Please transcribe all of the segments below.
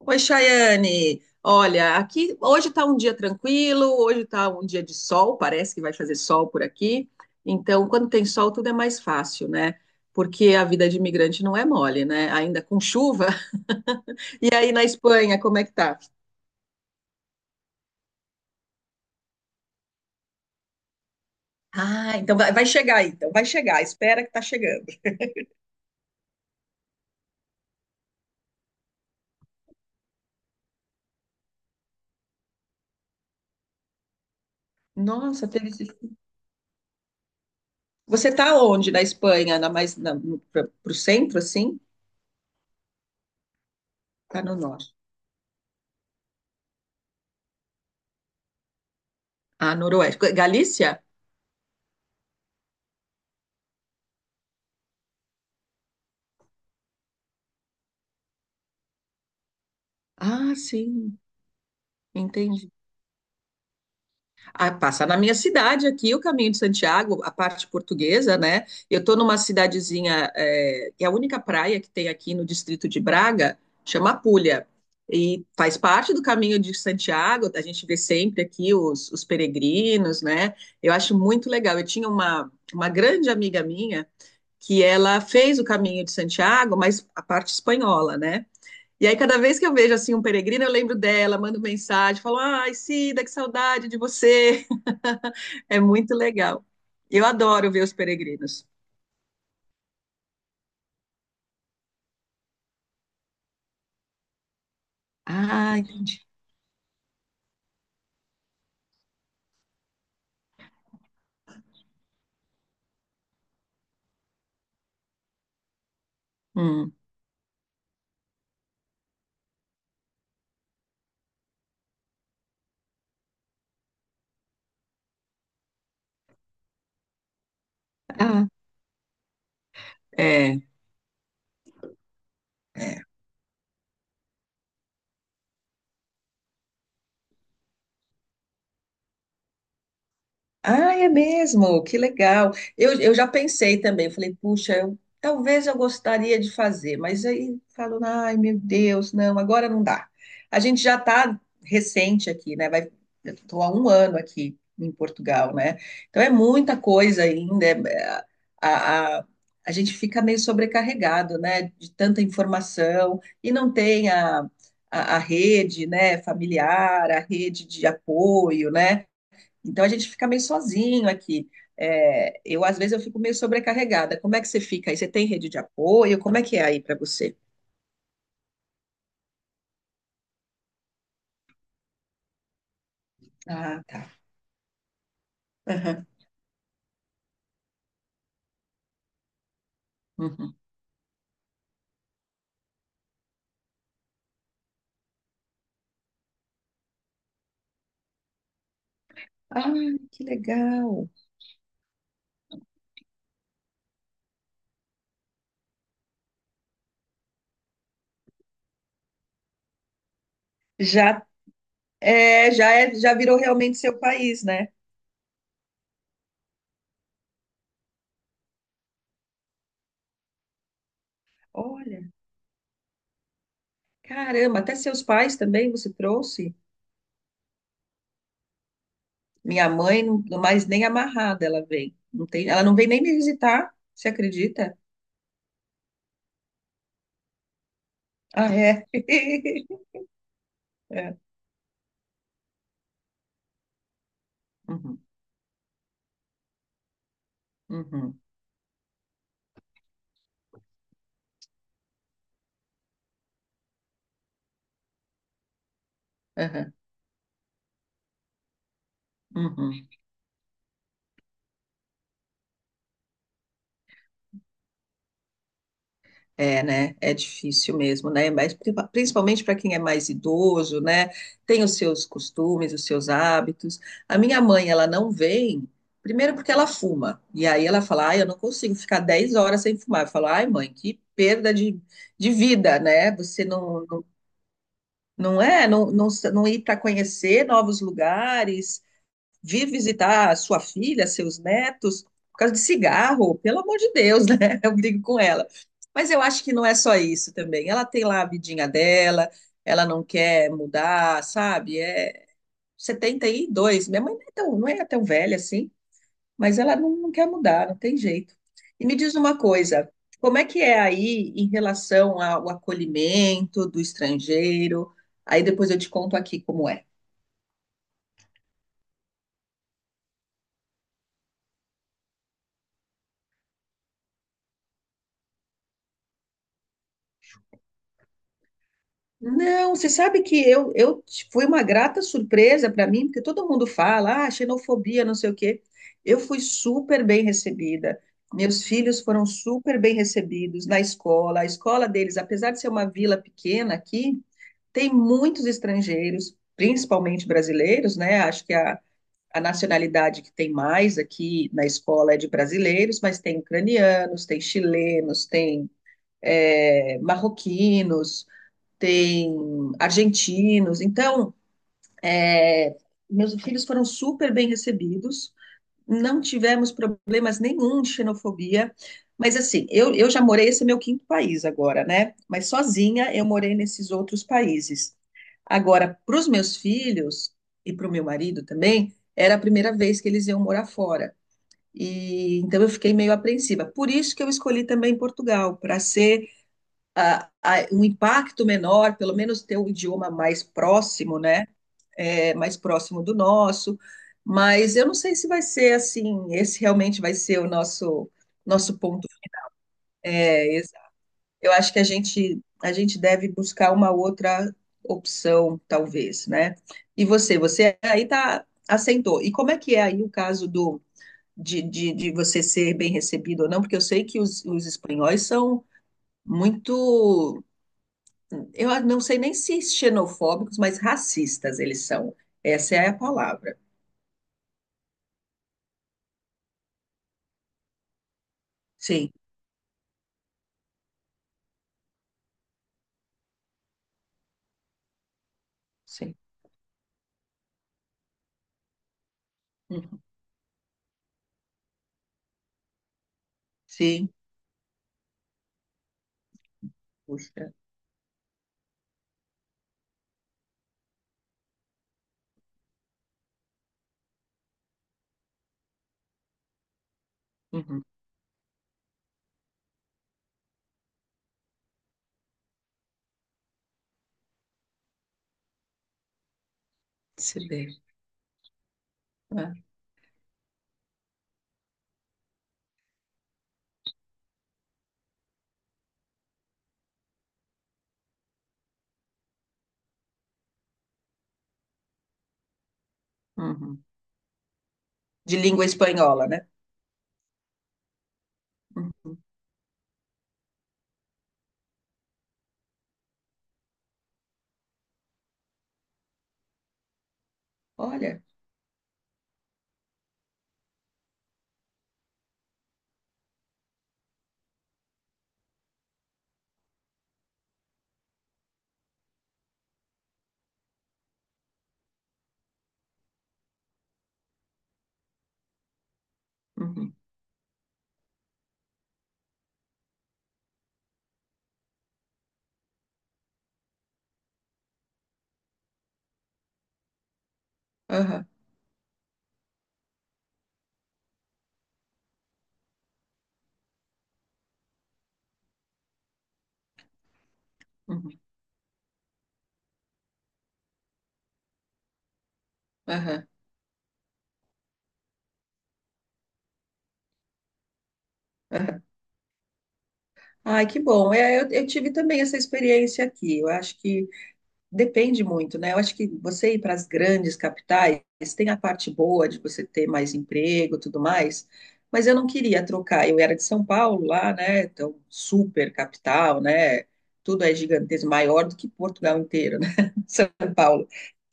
Oi, Chayane. Olha, aqui hoje está um dia tranquilo, hoje está um dia de sol, parece que vai fazer sol por aqui. Então, quando tem sol, tudo é mais fácil, né? Porque a vida de imigrante não é mole, né? Ainda com chuva. E aí na Espanha, como é que tá? Ah, então vai, vai chegar aí, então vai chegar, espera que tá chegando. Nossa, teve esse... Você tá onde na Espanha? Na mais na, no, pra, pro centro assim? Tá no norte. Ah, noroeste. Galícia? Ah, sim, entendi. Ah, passa na minha cidade aqui, o Caminho de Santiago, a parte portuguesa, né? Eu estou numa cidadezinha, é, que é a única praia que tem aqui no distrito de Braga, chama Apulha, e faz parte do Caminho de Santiago, a gente vê sempre aqui os peregrinos, né? Eu acho muito legal. Eu tinha uma grande amiga minha que ela fez o Caminho de Santiago, mas a parte espanhola, né? E aí, cada vez que eu vejo assim um peregrino, eu lembro dela, mando mensagem, falo, ai, Cida, que saudade de você. É muito legal. Eu adoro ver os peregrinos. Ah, entendi. Hum. Ah, é. Ah, é mesmo, que legal. Eu já pensei também, eu falei, puxa, eu, talvez eu gostaria de fazer, mas aí falo, ai meu Deus, não, agora não dá. A gente já está recente aqui, né? Vai, eu estou há 1 ano aqui em Portugal, né? Então é muita coisa ainda. A, a, a gente fica meio sobrecarregado, né? De tanta informação e não tem a rede, né? Familiar, a rede de apoio, né? Então a gente fica meio sozinho aqui. É, eu às vezes eu fico meio sobrecarregada. Como é que você fica aí? Você tem rede de apoio? Como é que é aí para você? Ah, tá. Aham, uhum. Ah, que legal. Já é, já é, já virou realmente seu país, né? Olha, caramba, até seus pais também você trouxe? Minha mãe, não, mas nem amarrada ela vem. Não tem, ela não vem nem me visitar, você acredita? Ah, é. É. Uhum, uhum, aham, uhum. É, né? É difícil mesmo, né? Mas principalmente para quem é mais idoso, né? Tem os seus costumes, os seus hábitos. A minha mãe, ela não vem, primeiro porque ela fuma. E aí ela fala, ai, eu não consigo ficar 10 horas sem fumar. Eu falo, ai, mãe, que perda de vida, né? Você não, não, não é, não, não, não ir para conhecer novos lugares, vir visitar sua filha, seus netos, por causa de cigarro, pelo amor de Deus, né? Eu brigo com ela. Mas eu acho que não é só isso também. Ela tem lá a vidinha dela, ela não quer mudar, sabe? É 72. Minha mãe não é tão, não é tão velha assim, mas ela não, não quer mudar, não tem jeito. E me diz uma coisa, como é que é aí em relação ao acolhimento do estrangeiro? Aí depois eu te conto aqui como é. Não, você sabe que eu foi uma grata surpresa para mim, porque todo mundo fala, ah, xenofobia, não sei o quê. Eu fui super bem recebida. Meus filhos foram super bem recebidos na escola. A escola deles, apesar de ser uma vila pequena aqui, tem muitos estrangeiros, principalmente brasileiros, né? Acho que a nacionalidade que tem mais aqui na escola é de brasileiros, mas tem ucranianos, tem chilenos, tem marroquinos, tem argentinos. Então, é, meus filhos foram super bem recebidos, não tivemos problemas nenhum de xenofobia. Mas assim, eu já morei, esse é meu quinto país agora, né? Mas sozinha eu morei nesses outros países. Agora, para os meus filhos e para o meu marido também, era a primeira vez que eles iam morar fora. E então eu fiquei meio apreensiva. Por isso que eu escolhi também Portugal, para ser um impacto menor, pelo menos ter um idioma mais próximo, né? É, mais próximo do nosso. Mas eu não sei se vai ser assim, esse realmente vai ser o nosso ponto. É, eu acho que a gente deve buscar uma outra opção, talvez, né? E você, você aí tá, assentou. E como é que é aí o caso de você ser bem recebido ou não? Porque eu sei que os espanhóis são muito, eu não sei nem se xenofóbicos, mas racistas eles são. Essa é a palavra. Sim, sim. Uhum. Sim. Puxa. Uhum. Se. Ah, uhum. De língua espanhola, né? Uhum. Olha. Uhum. Aham, uhum. Aham, aham. Ai, que bom. É, eu tive também essa experiência aqui. Eu acho que depende muito, né? Eu acho que você ir para as grandes capitais tem a parte boa de você ter mais emprego, e tudo mais, mas eu não queria trocar. Eu era de São Paulo lá, né? Então, super capital, né? Tudo é gigantesco, maior do que Portugal inteiro, né? São Paulo.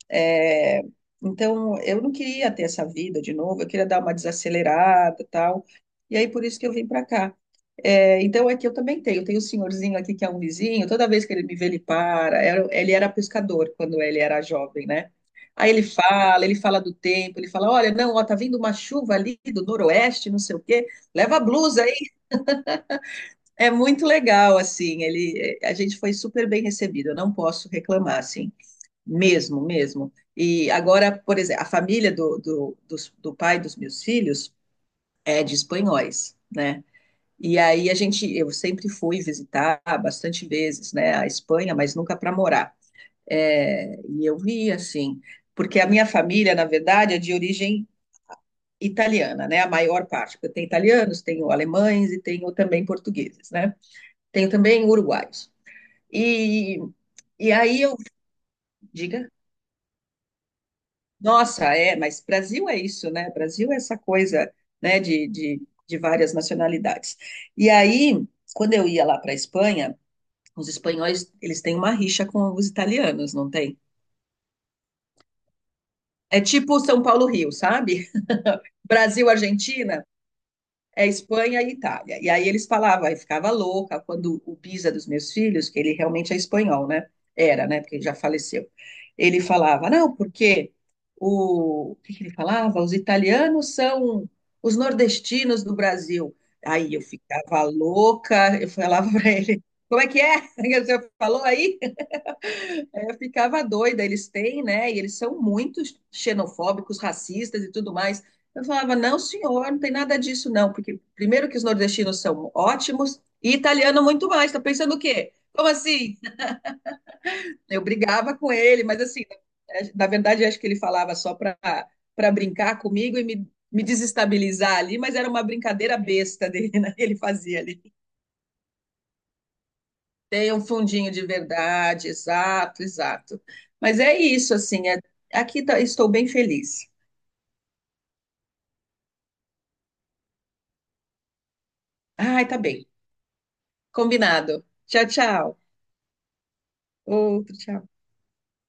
É, então, eu não queria ter essa vida de novo, eu queria dar uma desacelerada tal. E aí, por isso que eu vim para cá. É, então, aqui eu também tenho. Eu tenho um senhorzinho aqui que é um vizinho, toda vez que ele me vê, ele para. Ele era pescador quando ele era jovem, né? Aí ele fala do tempo, ele fala: olha, não, ó, tá vindo uma chuva ali do noroeste, não sei o quê, leva a blusa aí. É muito legal, assim. Ele, a gente foi super bem recebido, eu não posso reclamar, assim. Mesmo, mesmo. E agora, por exemplo, a família do pai dos meus filhos é de espanhóis, né? E aí a gente, eu sempre fui visitar bastante vezes, né, a Espanha, mas nunca para morar. É, e eu vi assim, porque a minha família, na verdade, é de origem italiana, né? A maior parte. Eu tenho italianos, tenho alemães e tenho também portugueses, né? Tenho também uruguaios. E, e aí eu, diga. Nossa, é, mas Brasil é isso, né? Brasil é essa coisa, né, de várias nacionalidades. E aí, quando eu ia lá para a Espanha, os espanhóis, eles têm uma rixa com os italianos, não tem? É tipo São Paulo-Rio, sabe? Brasil-Argentina, é Espanha e Itália. E aí eles falavam, eu ficava louca quando o Pisa dos meus filhos, que ele realmente é espanhol, né? Era, né? Porque ele já faleceu. Ele falava, não, porque o que que ele falava? Os italianos são os nordestinos do Brasil. Aí eu ficava louca, eu falava para ele, como é que é que você falou aí? É, eu ficava doida, eles têm, né? E eles são muito xenofóbicos, racistas e tudo mais. Eu falava, não, senhor, não tem nada disso, não, porque primeiro que os nordestinos são ótimos e italiano muito mais. Tá pensando o quê? Como assim? Eu brigava com ele, mas assim, na verdade, eu acho que ele falava só para, para brincar comigo e me desestabilizar ali, mas era uma brincadeira besta dele, né? que Ele fazia ali. Tem um fundinho de verdade, exato, exato. Mas é isso, assim, estou bem feliz. Ai, tá bem. Combinado. Tchau, tchau. Outro tchau.